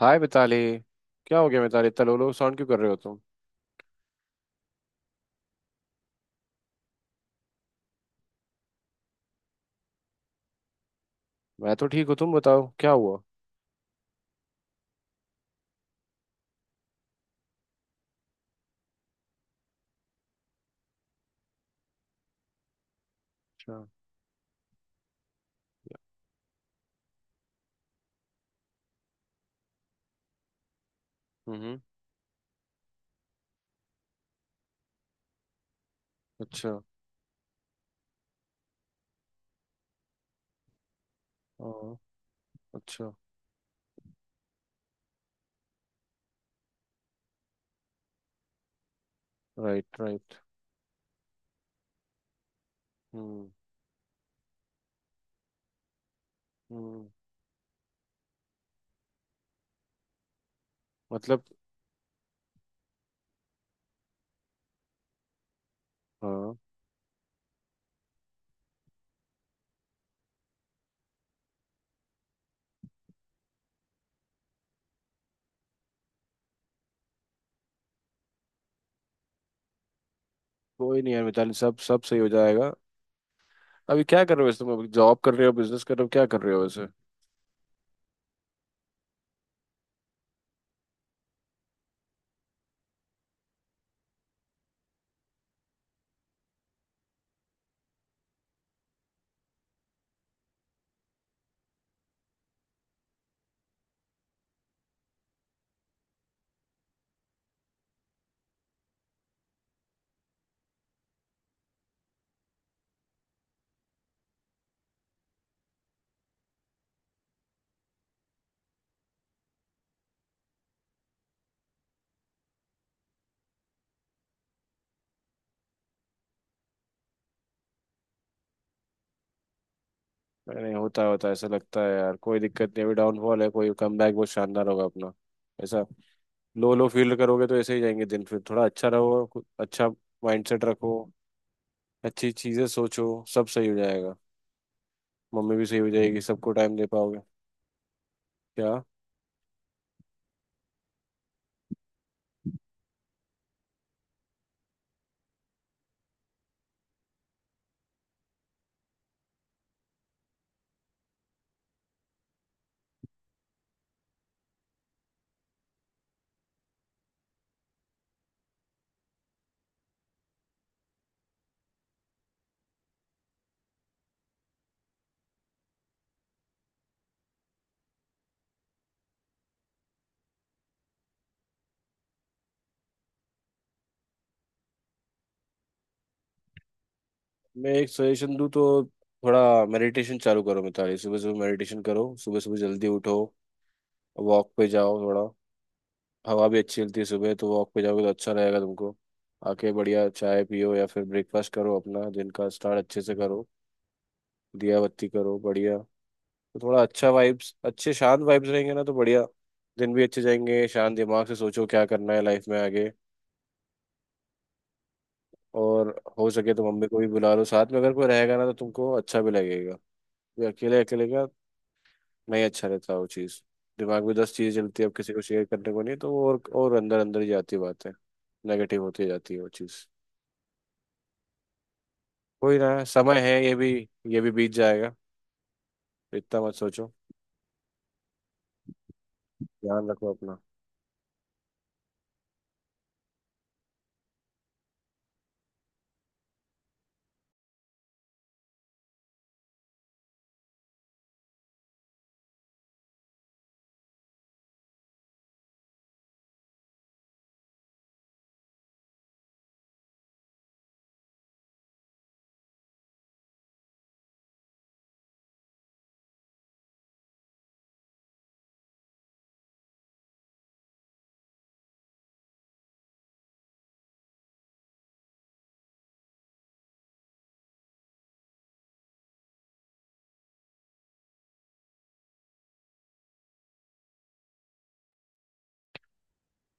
हाय मिताली। क्या हो गया मिताली, इतना लो लो साउंड क्यों कर रहे हो तुम? मैं तो ठीक हूँ, तुम बताओ क्या हुआ। अच्छा। हम्म। अच्छा। हाँ। अच्छा। Right, right. हम्म। हम्म। मतलब। हाँ। कोई नहीं यार मिताली, सब सब सही हो जाएगा। अभी क्या कर रहे हो वैसे, तुम अभी जॉब कर रहे हो, बिजनेस कर रहे हो, क्या कर रहे हो वैसे? नहीं, होता है, होता है ऐसा लगता है यार, कोई दिक्कत नहीं। अभी डाउनफॉल है, कोई कम बैक बहुत शानदार होगा अपना। ऐसा लो लो फील करोगे तो ऐसे ही जाएंगे दिन। फिर थोड़ा अच्छा रहो, अच्छा माइंडसेट रखो। अच्छी चीजें सोचो। सब सही हो जाएगा। मम्मी भी सही हो जाएगी, सबको टाइम दे पाओगे। क्या? मैं एक सजेशन दूँ तो थोड़ा मेडिटेशन चालू करो मिताली। सुबह सुबह मेडिटेशन करो, सुबह सुबह जल्दी उठो। वॉक पे जाओ थोड़ा। हवा भी अच्छी चलती है सुबह, तो वॉक पे जाओगे तो अच्छा रहेगा तुमको। आके बढ़िया चाय पियो या फिर ब्रेकफास्ट करो, अपना दिन का स्टार्ट अच्छे से करो। दिया बत्ती करो बढ़िया। तो थोड़ा अच्छा वाइब्स, अच्छे शांत वाइब्स रहेंगे ना तो बढ़िया, दिन भी अच्छे जाएंगे। शांत दिमाग से सोचो क्या करना है लाइफ में आगे। और हो सके तो मम्मी को भी बुला लो साथ में, अगर कोई रहेगा ना तो तुमको अच्छा भी लगेगा। ये अकेले अकेले का नहीं अच्छा रहता वो चीज़। दिमाग में 10 चीज़ें चलती है, अब किसी को शेयर करने को नहीं तो वो और अंदर अंदर ही जाती बात है। नेगेटिव होती जाती है वो चीज़। कोई ना, समय है ये भी, ये भी बीत जाएगा। इतना मत सोचो। ध्यान रखो अपना।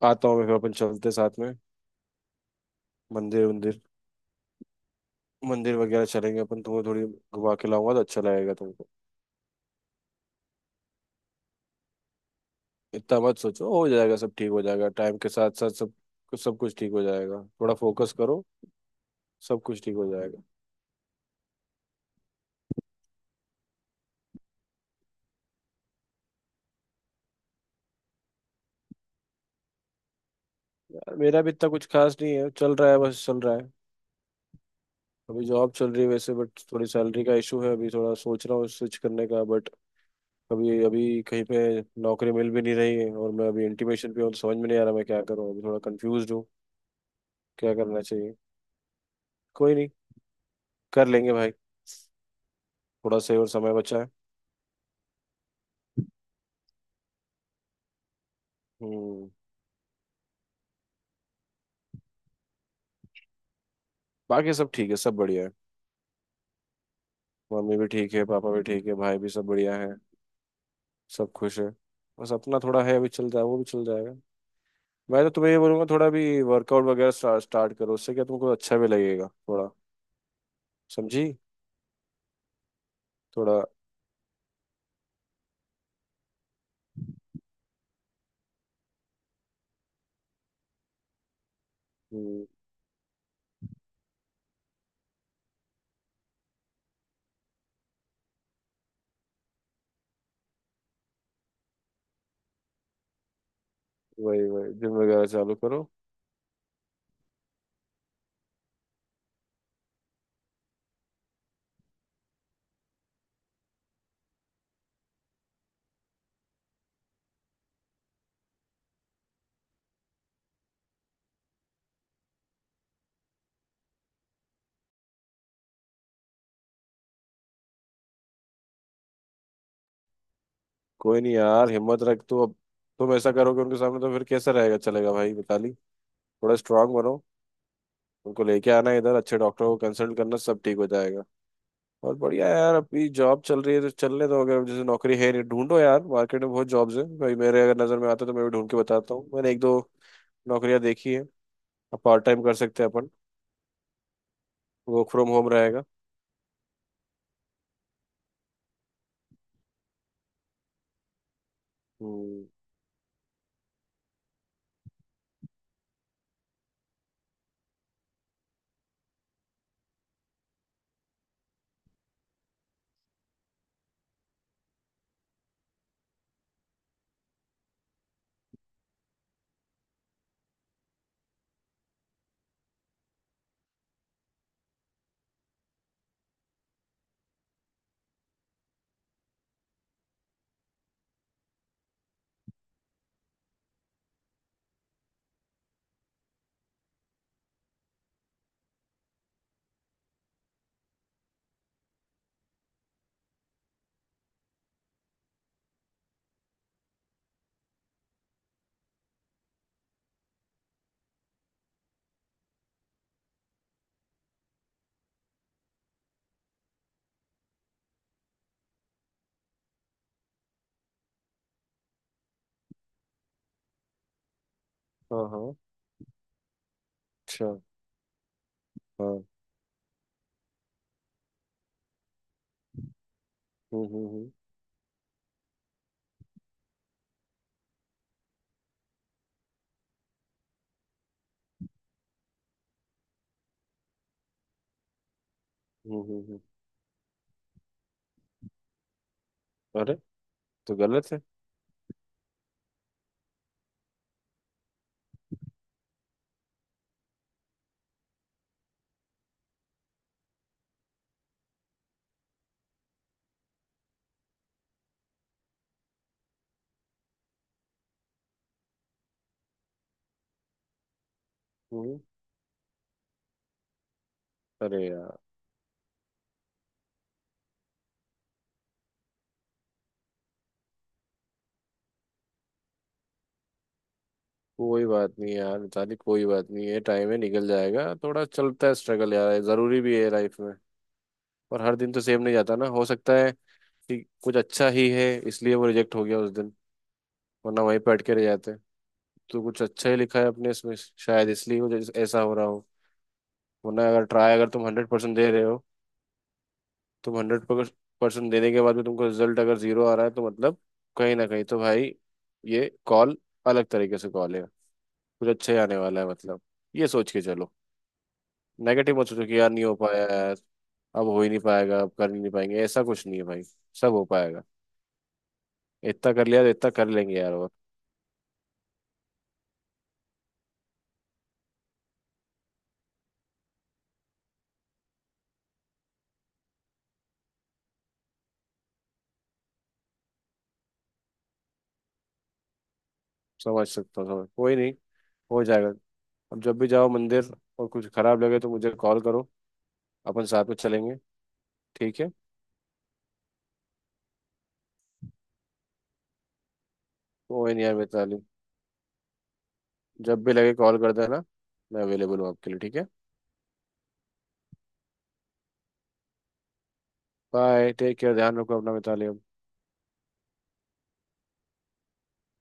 आता हूँ मैं फिर, अपन चलते साथ में। मंदिर मंदिर मंदिर वगैरह चलेंगे अपन, तुम्हें थोड़ी घुमा के लाऊंगा तो अच्छा लगेगा तुमको। इतना मत सोचो, हो जाएगा, सब ठीक हो जाएगा टाइम के साथ साथ। सब सब कुछ ठीक हो जाएगा, थोड़ा फोकस करो। सब कुछ ठीक हो जाएगा। यार मेरा भी इतना कुछ खास नहीं है, चल रहा है बस चल रहा है। अभी जॉब चल रही है वैसे बट थोड़ी सैलरी का इशू है, अभी थोड़ा सोच रहा हूँ स्विच करने का बट अभी अभी कहीं पे नौकरी मिल भी नहीं रही है, और मैं अभी इंटीमेशन पे हूँ तो समझ में नहीं आ रहा मैं क्या करूँ, अभी थोड़ा कंफ्यूज हूँ क्या करना चाहिए। कोई नहीं, कर लेंगे भाई, थोड़ा सही और समय बचा है। हम्म। बाकी सब ठीक है, सब बढ़िया है। मम्मी भी ठीक है, पापा भी ठीक है, भाई भी, सब बढ़िया है। सब खुश है। बस अपना थोड़ा है, अभी चल जाए, वो भी चल जाएगा। मैं तो तुम्हें ये बोलूंगा, थोड़ा भी वर्कआउट वगैरह स्टार्ट स्टार्ट करो, उससे क्या तुमको अच्छा भी लगेगा थोड़ा। समझी? थोड़ा। हम्म। वही वही जिम वगैरह चालू करो। कोई नहीं यार, हिम्मत रख तो अब। तुम ऐसा करोगे उनके सामने तो फिर कैसा रहेगा, चलेगा भाई मिताली? थोड़ा स्ट्रांग बनो। उनको लेके आना इधर, अच्छे डॉक्टर को कंसल्ट करना, सब ठीक हो जाएगा। बहुत बढ़िया है यार, अभी जॉब चल रही है तो चलने दो। अगर जैसे नौकरी है नहीं, ढूंढो यार, मार्केट में बहुत जॉब्स हैं भाई मेरे। अगर नज़र में आते तो मैं भी ढूंढ के बताता हूँ, मैंने एक दो नौकरियां देखी है। अब पार्ट टाइम कर सकते हैं अपन, वर्क फ्रॉम होम रहेगा। हम्म। हाँ, हाँ। अच्छा। हाँ। हम्म, हम्म, हम्म। हम्म। अरे, तो गलत है। हम्म। अरे यार, कोई बात नहीं यार मिताली, कोई बात नहीं है, टाइम है, निकल जाएगा। थोड़ा चलता है स्ट्रगल यार, ये जरूरी भी है लाइफ में। और हर दिन तो सेम नहीं जाता ना। हो सकता है कि कुछ अच्छा ही है इसलिए वो रिजेक्ट हो गया उस दिन, वरना वहीं पे अटके रह जाते। तो कुछ अच्छा ही लिखा है अपने इसमें शायद, इसलिए वो ऐसा हो रहा हो। वरना अगर ट्राई, अगर तुम 100% दे रहे हो, तुम हंड्रेड परसेंट देने के बाद भी तुमको रिजल्ट अगर 0 आ रहा है तो मतलब कहीं ना कहीं तो भाई ये कॉल, अलग तरीके से कॉल है, कुछ अच्छा ही आने वाला है मतलब। ये सोच के चलो। नेगेटिव मत सोचो कि यार नहीं हो पाया यार, अब हो ही नहीं पाएगा, अब कर ही नहीं पाएंगे, ऐसा कुछ नहीं है भाई। सब हो पाएगा। इतना कर लिया तो इतना कर लेंगे यार। और समझ सकता हूँ, समझ कोई नहीं, हो जाएगा। अब जब भी जाओ मंदिर और कुछ खराब लगे तो मुझे कॉल करो, अपन साथ में चलेंगे। ठीक है? कोई नहीं है मिताली, जब भी लगे कॉल कर देना, मैं अवेलेबल हूँ आपके लिए, ठीक है? बाय। Take care. ध्यान रखो अपना मिताली अब।